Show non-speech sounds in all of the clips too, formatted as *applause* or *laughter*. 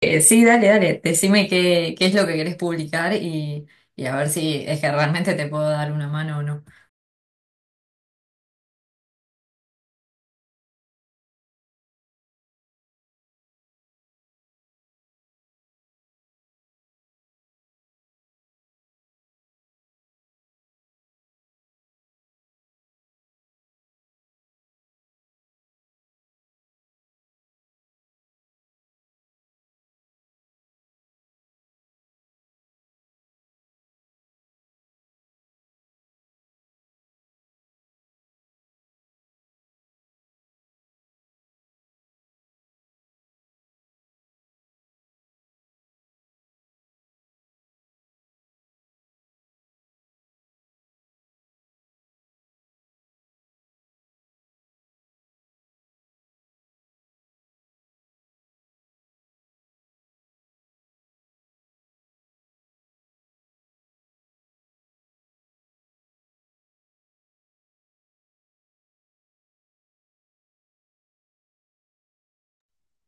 Sí, dale, dale, decime qué, qué es lo que querés publicar y a ver si es que realmente te puedo dar una mano o no.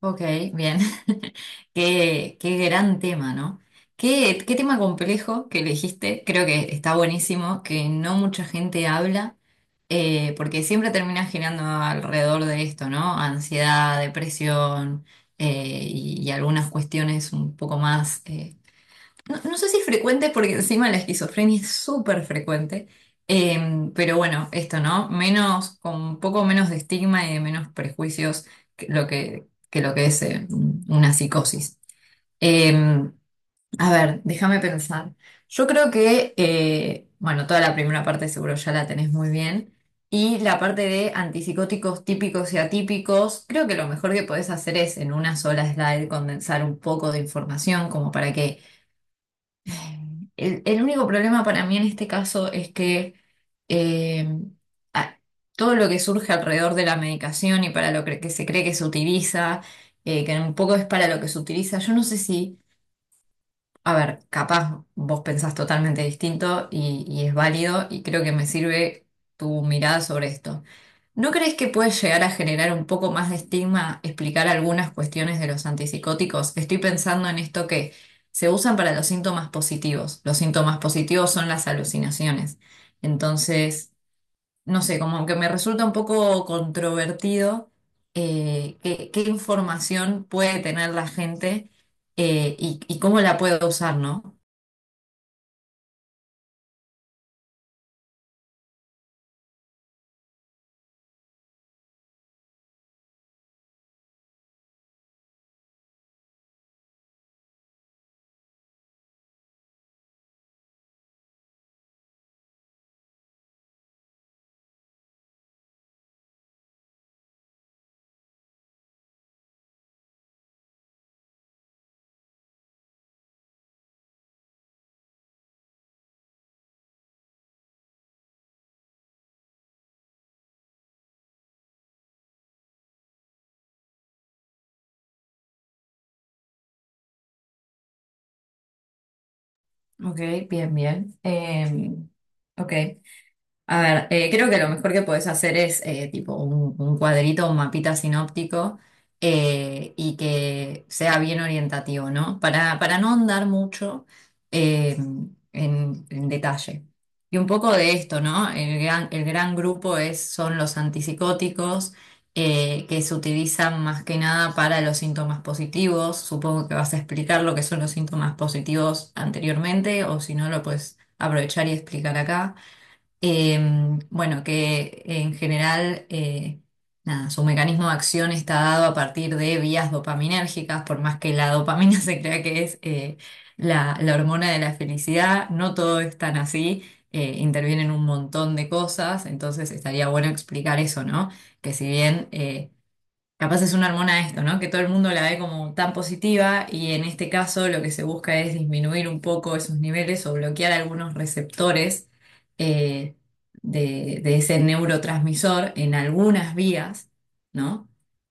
Ok, bien. *laughs* Qué, qué gran tema, ¿no? Qué, qué tema complejo que elegiste. Creo que está buenísimo, que no mucha gente habla, porque siempre termina girando alrededor de esto, ¿no? Ansiedad, depresión, y algunas cuestiones un poco más... no, no sé si es frecuente porque encima la esquizofrenia es súper frecuente. Pero bueno, esto, ¿no? Menos, con un poco menos de estigma y de menos prejuicios que lo que es una psicosis. Em, a ver, déjame pensar. Yo creo que, bueno, toda la primera parte seguro ya la tenés muy bien. Y la parte de antipsicóticos típicos y atípicos, creo que lo mejor que podés hacer es en una sola slide condensar un poco de información como para que el único problema para mí en este caso es que eh, a- todo lo que surge alrededor de la medicación y para que se cree que se utiliza, que un poco es para lo que se utiliza, yo no sé si a ver, capaz vos pensás totalmente distinto y es válido y creo que me sirve tu mirada sobre esto. ¿No crees que puede llegar a generar un poco más de estigma explicar algunas cuestiones de los antipsicóticos? Estoy pensando en esto que se usan para los síntomas positivos. Los síntomas positivos son las alucinaciones. Entonces no sé, como que me resulta un poco controvertido, qué, qué información puede tener la gente, y cómo la puedo usar, ¿no? Ok, bien, bien. Ok. A ver, creo que lo mejor que podés hacer es tipo un cuadrito, un mapita sinóptico, y que sea bien orientativo, ¿no? Para no andar mucho eh, en detalle. Y un poco de esto, ¿no? El gran grupo es, son los antipsicóticos, que se utilizan más que nada para los síntomas positivos. Supongo que vas a explicar lo que son los síntomas positivos anteriormente o si no lo puedes aprovechar y explicar acá. Eh, bueno, que en general, nada, su mecanismo de acción está dado a partir de vías dopaminérgicas, por más que la dopamina *laughs* se crea que es la, la hormona de la felicidad, no todo es tan así. Intervienen un montón de cosas, entonces estaría bueno explicar eso, ¿no? Que si bien... capaz es una hormona esto, ¿no? Que todo el mundo la ve como tan positiva y en este caso lo que se busca es disminuir un poco esos niveles o bloquear algunos receptores, eh, de ese neurotransmisor en algunas vías, ¿no?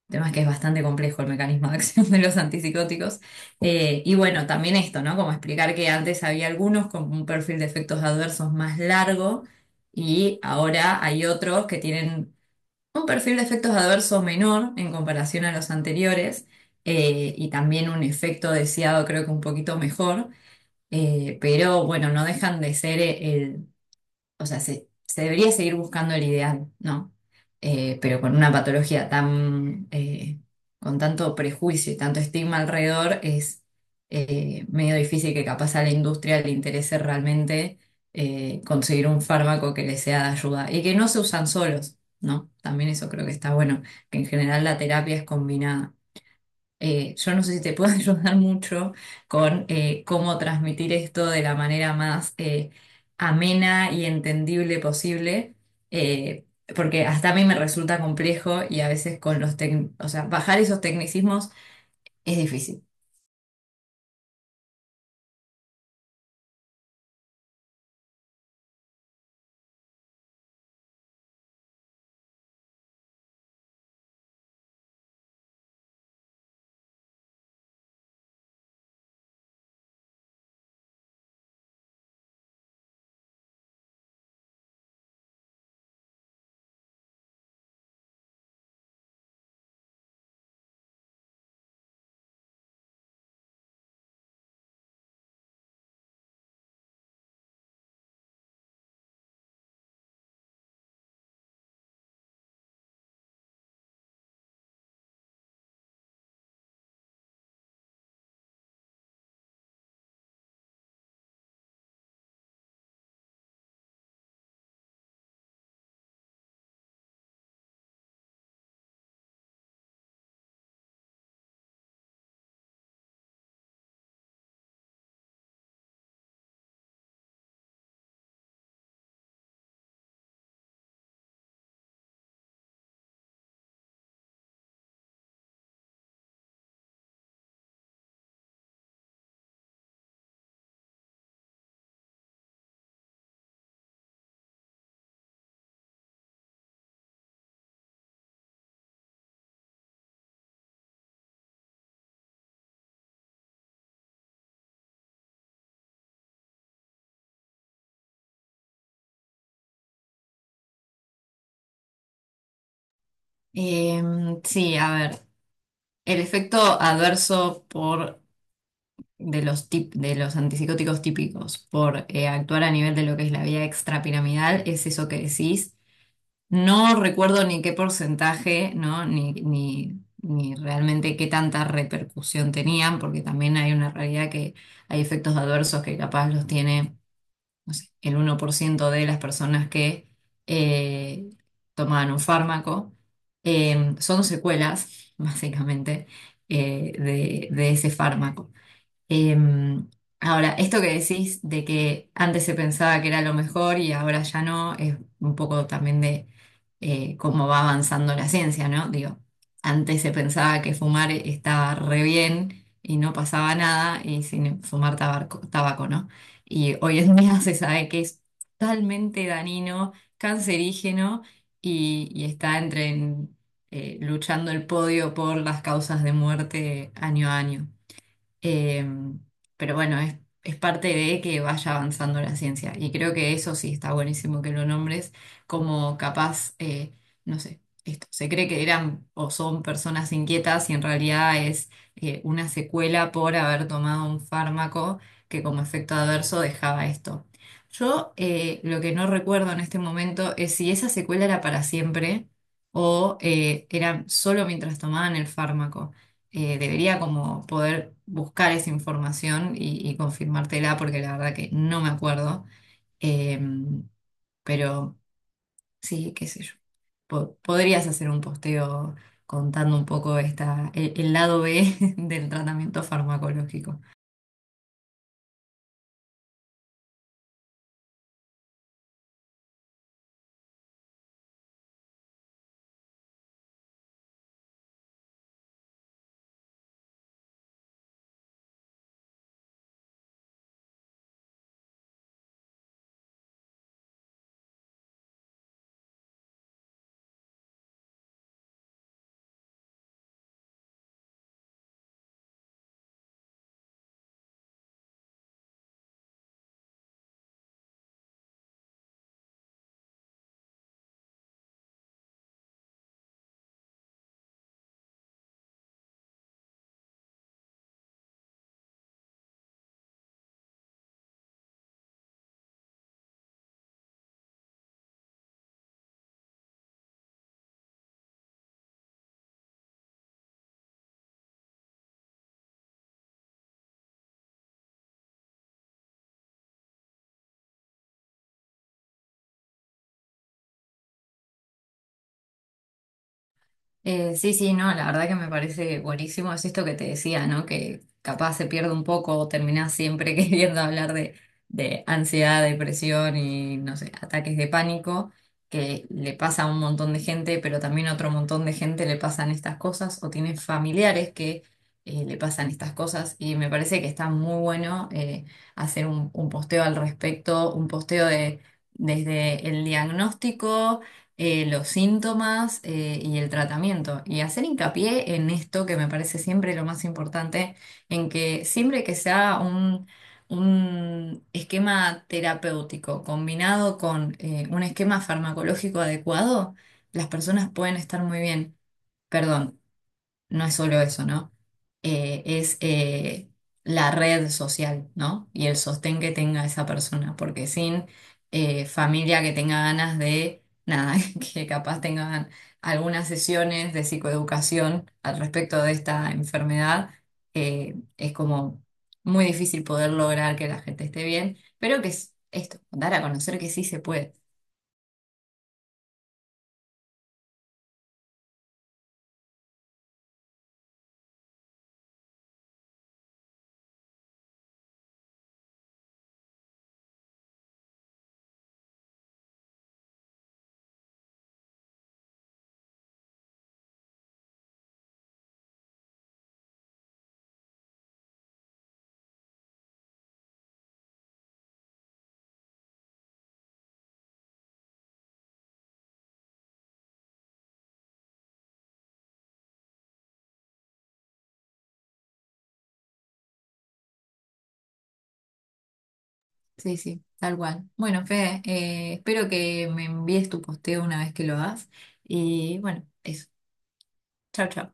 El tema es que es bastante complejo el mecanismo de acción *laughs* de los antipsicóticos. Y bueno, también esto, ¿no? Como explicar que antes había algunos con un perfil de efectos adversos más largo y ahora hay otros que tienen un perfil de efectos adversos menor en comparación a los anteriores, y también un efecto deseado creo que un poquito mejor. Pero bueno, no dejan de ser o sea, se debería seguir buscando el ideal, ¿no? Pero con una patología tan, con tanto prejuicio y tanto estigma alrededor, es medio difícil que capaz a la industria le interese realmente conseguir un fármaco que le sea de ayuda y que no se usan solos, ¿no? También eso creo que está bueno, que en general la terapia es combinada. Yo no sé si te puedo *laughs* ayudar mucho con cómo transmitir esto de la manera más amena y entendible posible, eh, porque hasta a mí me resulta complejo y a veces con los o sea, bajar esos tecnicismos es difícil. Eh, sí, a ver, el efecto adverso por de los de los antipsicóticos típicos por actuar a nivel de lo que es la vía extrapiramidal es eso que decís. No recuerdo ni qué porcentaje, ¿no? Ni, ni, ni realmente qué tanta repercusión tenían, porque también hay una realidad que hay efectos adversos que capaz los tiene, no sé, el uno por ciento de las personas que eh, toman un fármaco. Son secuelas, *laughs* básicamente, de ese fármaco. Em, Ahora, esto que decís de que antes se pensaba que era lo mejor y ahora ya no, es un poco también de cómo va avanzando la ciencia, ¿no? Digo, antes se pensaba que fumar estaba re bien y no pasaba nada y sin fumar tabaco, tabaco, ¿no? Y hoy en día se sabe que es totalmente dañino, cancerígeno, y está entre en, luchando el podio por las causas de muerte año a año. Eh, pero bueno, es parte de que vaya avanzando la ciencia. Y creo que eso sí está buenísimo que lo nombres como capaz, no sé, esto. Se cree que eran o son personas inquietas y en realidad es una secuela por haber tomado un fármaco que como efecto adverso dejaba esto. Yo lo que no recuerdo en este momento es si esa secuela era para siempre o era solo mientras tomaban el fármaco. Debería como poder buscar esa información y confirmártela porque la verdad que no me acuerdo. Em, pero sí, qué sé yo. Podrías hacer un posteo contando un poco esta, el lado B *laughs* del tratamiento farmacológico. Sí, sí, no, la verdad que me parece buenísimo, es esto que te decía, ¿no? Que capaz se pierde un poco, o terminás siempre *laughs* queriendo hablar de ansiedad, depresión y, no sé, ataques de pánico, que le pasa a un montón de gente, pero también a otro montón de gente le pasan estas cosas, o tiene familiares que le pasan estas cosas, y me parece que está muy bueno hacer un posteo al respecto, un posteo de, desde el diagnóstico, los síntomas y el tratamiento. Y hacer hincapié en esto que me parece siempre lo más importante, en que siempre que sea un esquema terapéutico combinado con un esquema farmacológico adecuado, las personas pueden estar muy bien. Perdón, no es solo eso, ¿no? Es la red social, ¿no? Y el sostén que tenga esa persona, porque sin familia que tenga ganas de, nada, *laughs* que capaz tengan algunas sesiones de psicoeducación al respecto de esta enfermedad, es como muy difícil poder lograr que la gente esté bien, pero que es esto, dar a conocer que sí se puede. Sí, sí, tal cual. Bueno, Fede, espero que me envíes tu posteo una vez que lo hagas. Y bueno, eso. Chao, chao.